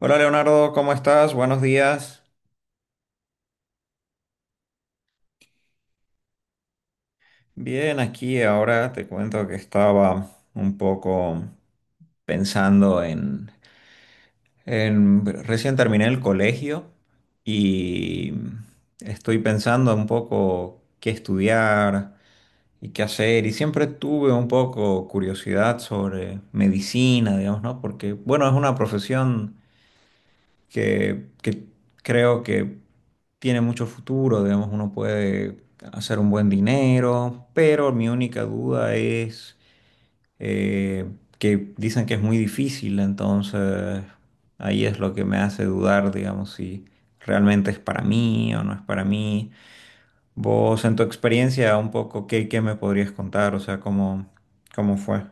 Hola Leonardo, ¿cómo estás? Buenos días. Bien, aquí ahora te cuento que estaba un poco pensando Recién terminé el colegio y estoy pensando un poco qué estudiar y qué hacer. Y siempre tuve un poco curiosidad sobre medicina, digamos, ¿no? Porque, bueno, es una profesión que creo que tiene mucho futuro, digamos, uno puede hacer un buen dinero, pero mi única duda es eh, que dicen que es muy difícil, entonces ahí es lo que me hace dudar, digamos, si realmente es para mí o no es para mí. Vos, en tu experiencia, un poco, ¿qué me podrías contar? O sea, ¿cómo fue?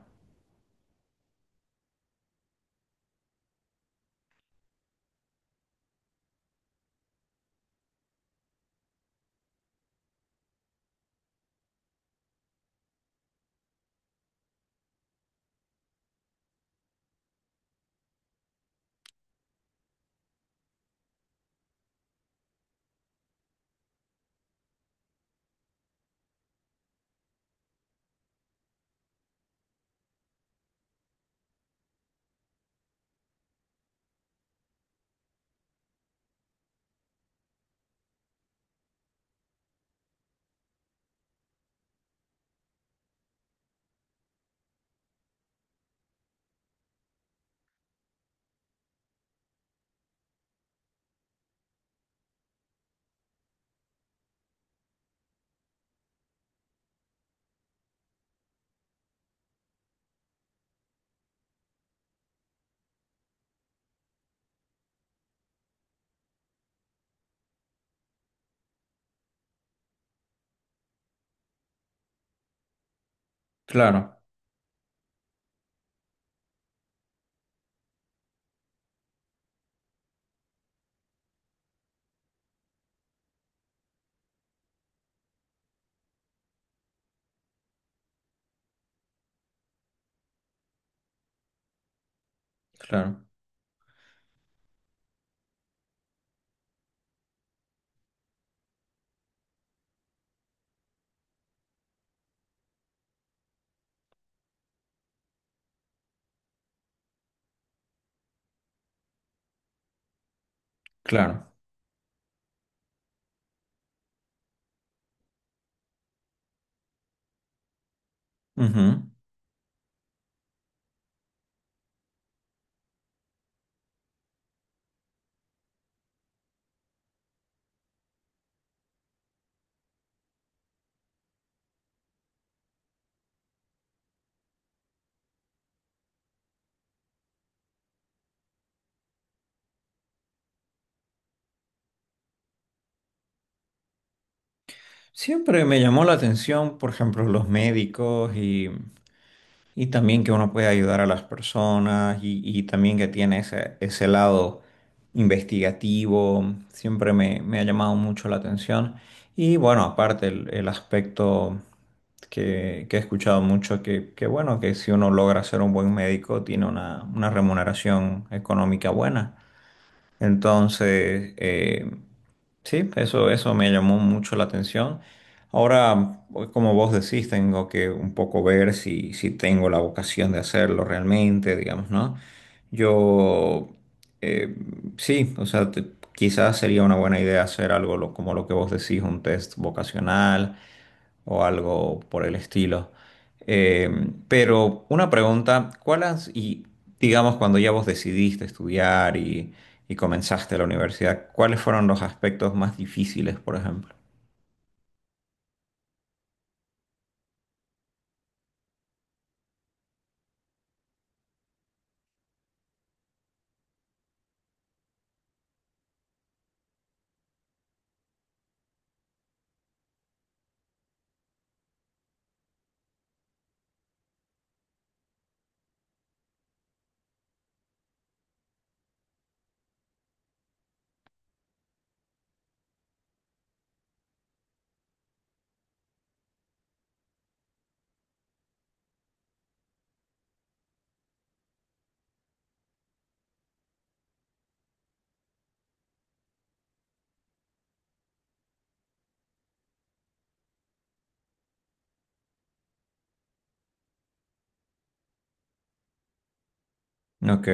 Claro, claro, claro. Siempre me llamó la atención, por ejemplo, los médicos y también que uno puede ayudar a las personas y también que tiene ese lado investigativo, siempre me ha llamado mucho la atención. Y bueno, aparte el aspecto que he escuchado mucho, que bueno, que si uno logra ser un buen médico, tiene una remuneración económica buena. Entonces, sí, eso me llamó mucho la atención. Ahora, pues, como vos decís, tengo que un poco ver si tengo la vocación de hacerlo realmente, digamos, ¿no? Yo, eh, sí, o sea, quizás sería una buena idea hacer algo como lo que vos decís, un test vocacional o algo por el estilo. Eh, pero una pregunta, y digamos cuando ya vos decidiste estudiar y comenzaste la universidad, ¿cuáles fueron los aspectos más difíciles, por ejemplo? Ok.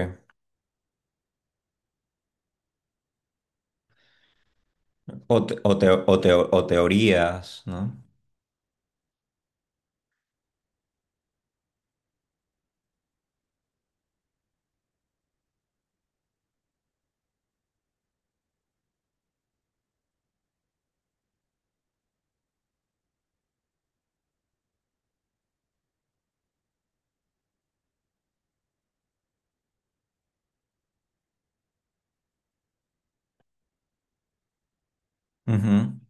O teorías, ¿no? Ujú,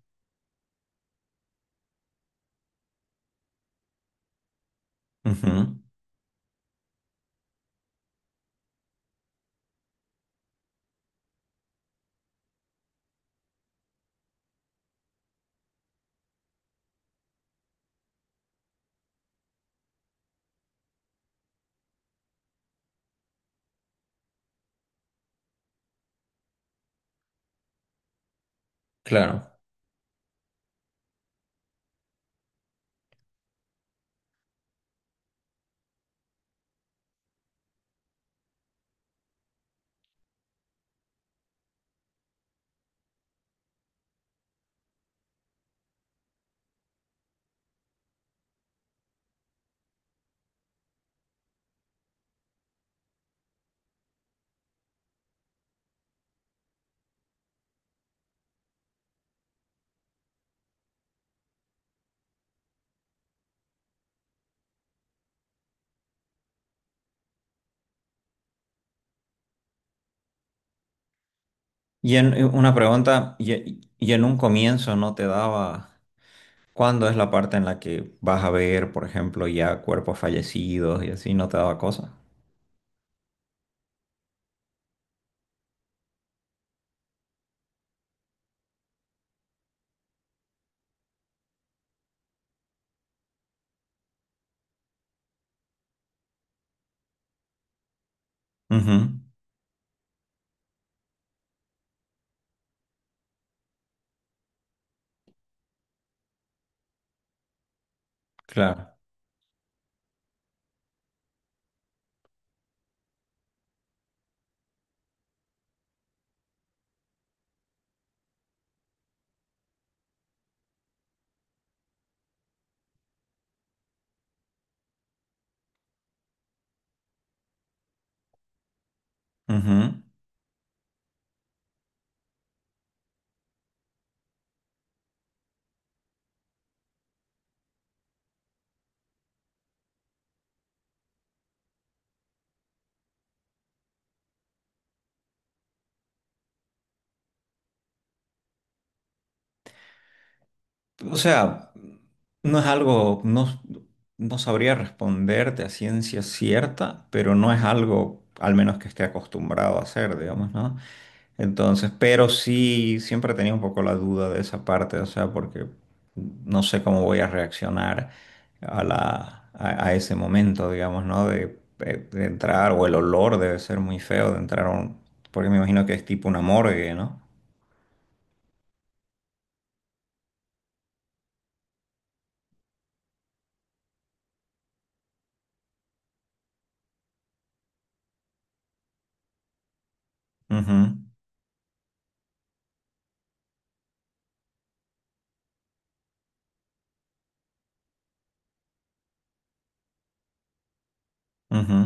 ujú, claro. Y en una pregunta, y en un comienzo no te daba, ¿cuándo es la parte en la que vas a ver, por ejemplo, ya cuerpos fallecidos y así no te daba cosa? Claro. Ujú. O sea, no es algo, no, no sabría responderte a ciencia cierta, pero no es algo, al menos que esté acostumbrado a hacer, digamos, ¿no? Entonces, pero sí, siempre tenía un poco la duda de esa parte, o sea, porque no sé cómo voy a reaccionar a ese momento, digamos, ¿no? De entrar, o el olor debe ser muy feo de entrar a un, porque me imagino que es tipo una morgue, ¿no? Ujú, ujú.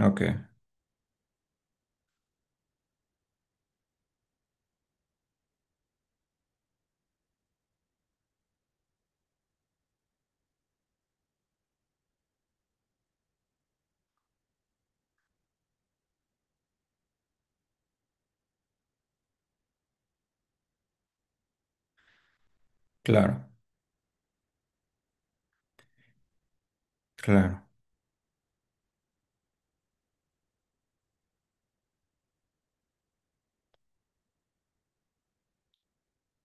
Ok. Claro, claro.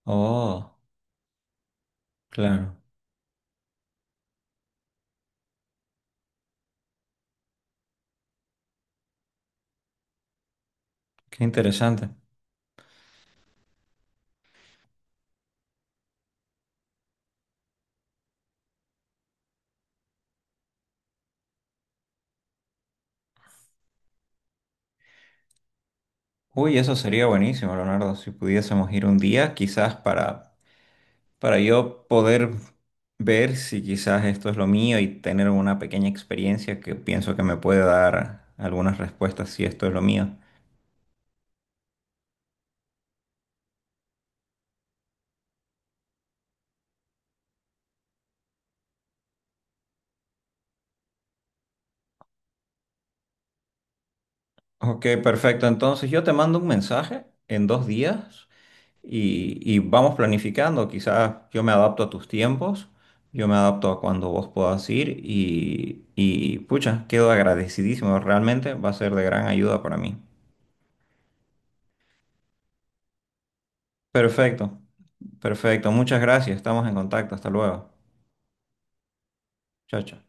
Oh, claro. Qué interesante. Uy, eso sería buenísimo, Leonardo, si pudiésemos ir un día, quizás para, yo poder ver si quizás esto es lo mío y tener una pequeña experiencia que pienso que me puede dar algunas respuestas si esto es lo mío. Ok, perfecto. Entonces yo te mando un mensaje en 2 días y vamos planificando. Quizás yo me adapto a tus tiempos, yo me adapto a cuando vos puedas ir y pucha, quedo agradecidísimo. Realmente va a ser de gran ayuda para mí. Perfecto, perfecto. Muchas gracias. Estamos en contacto. Hasta luego. Chao, chao.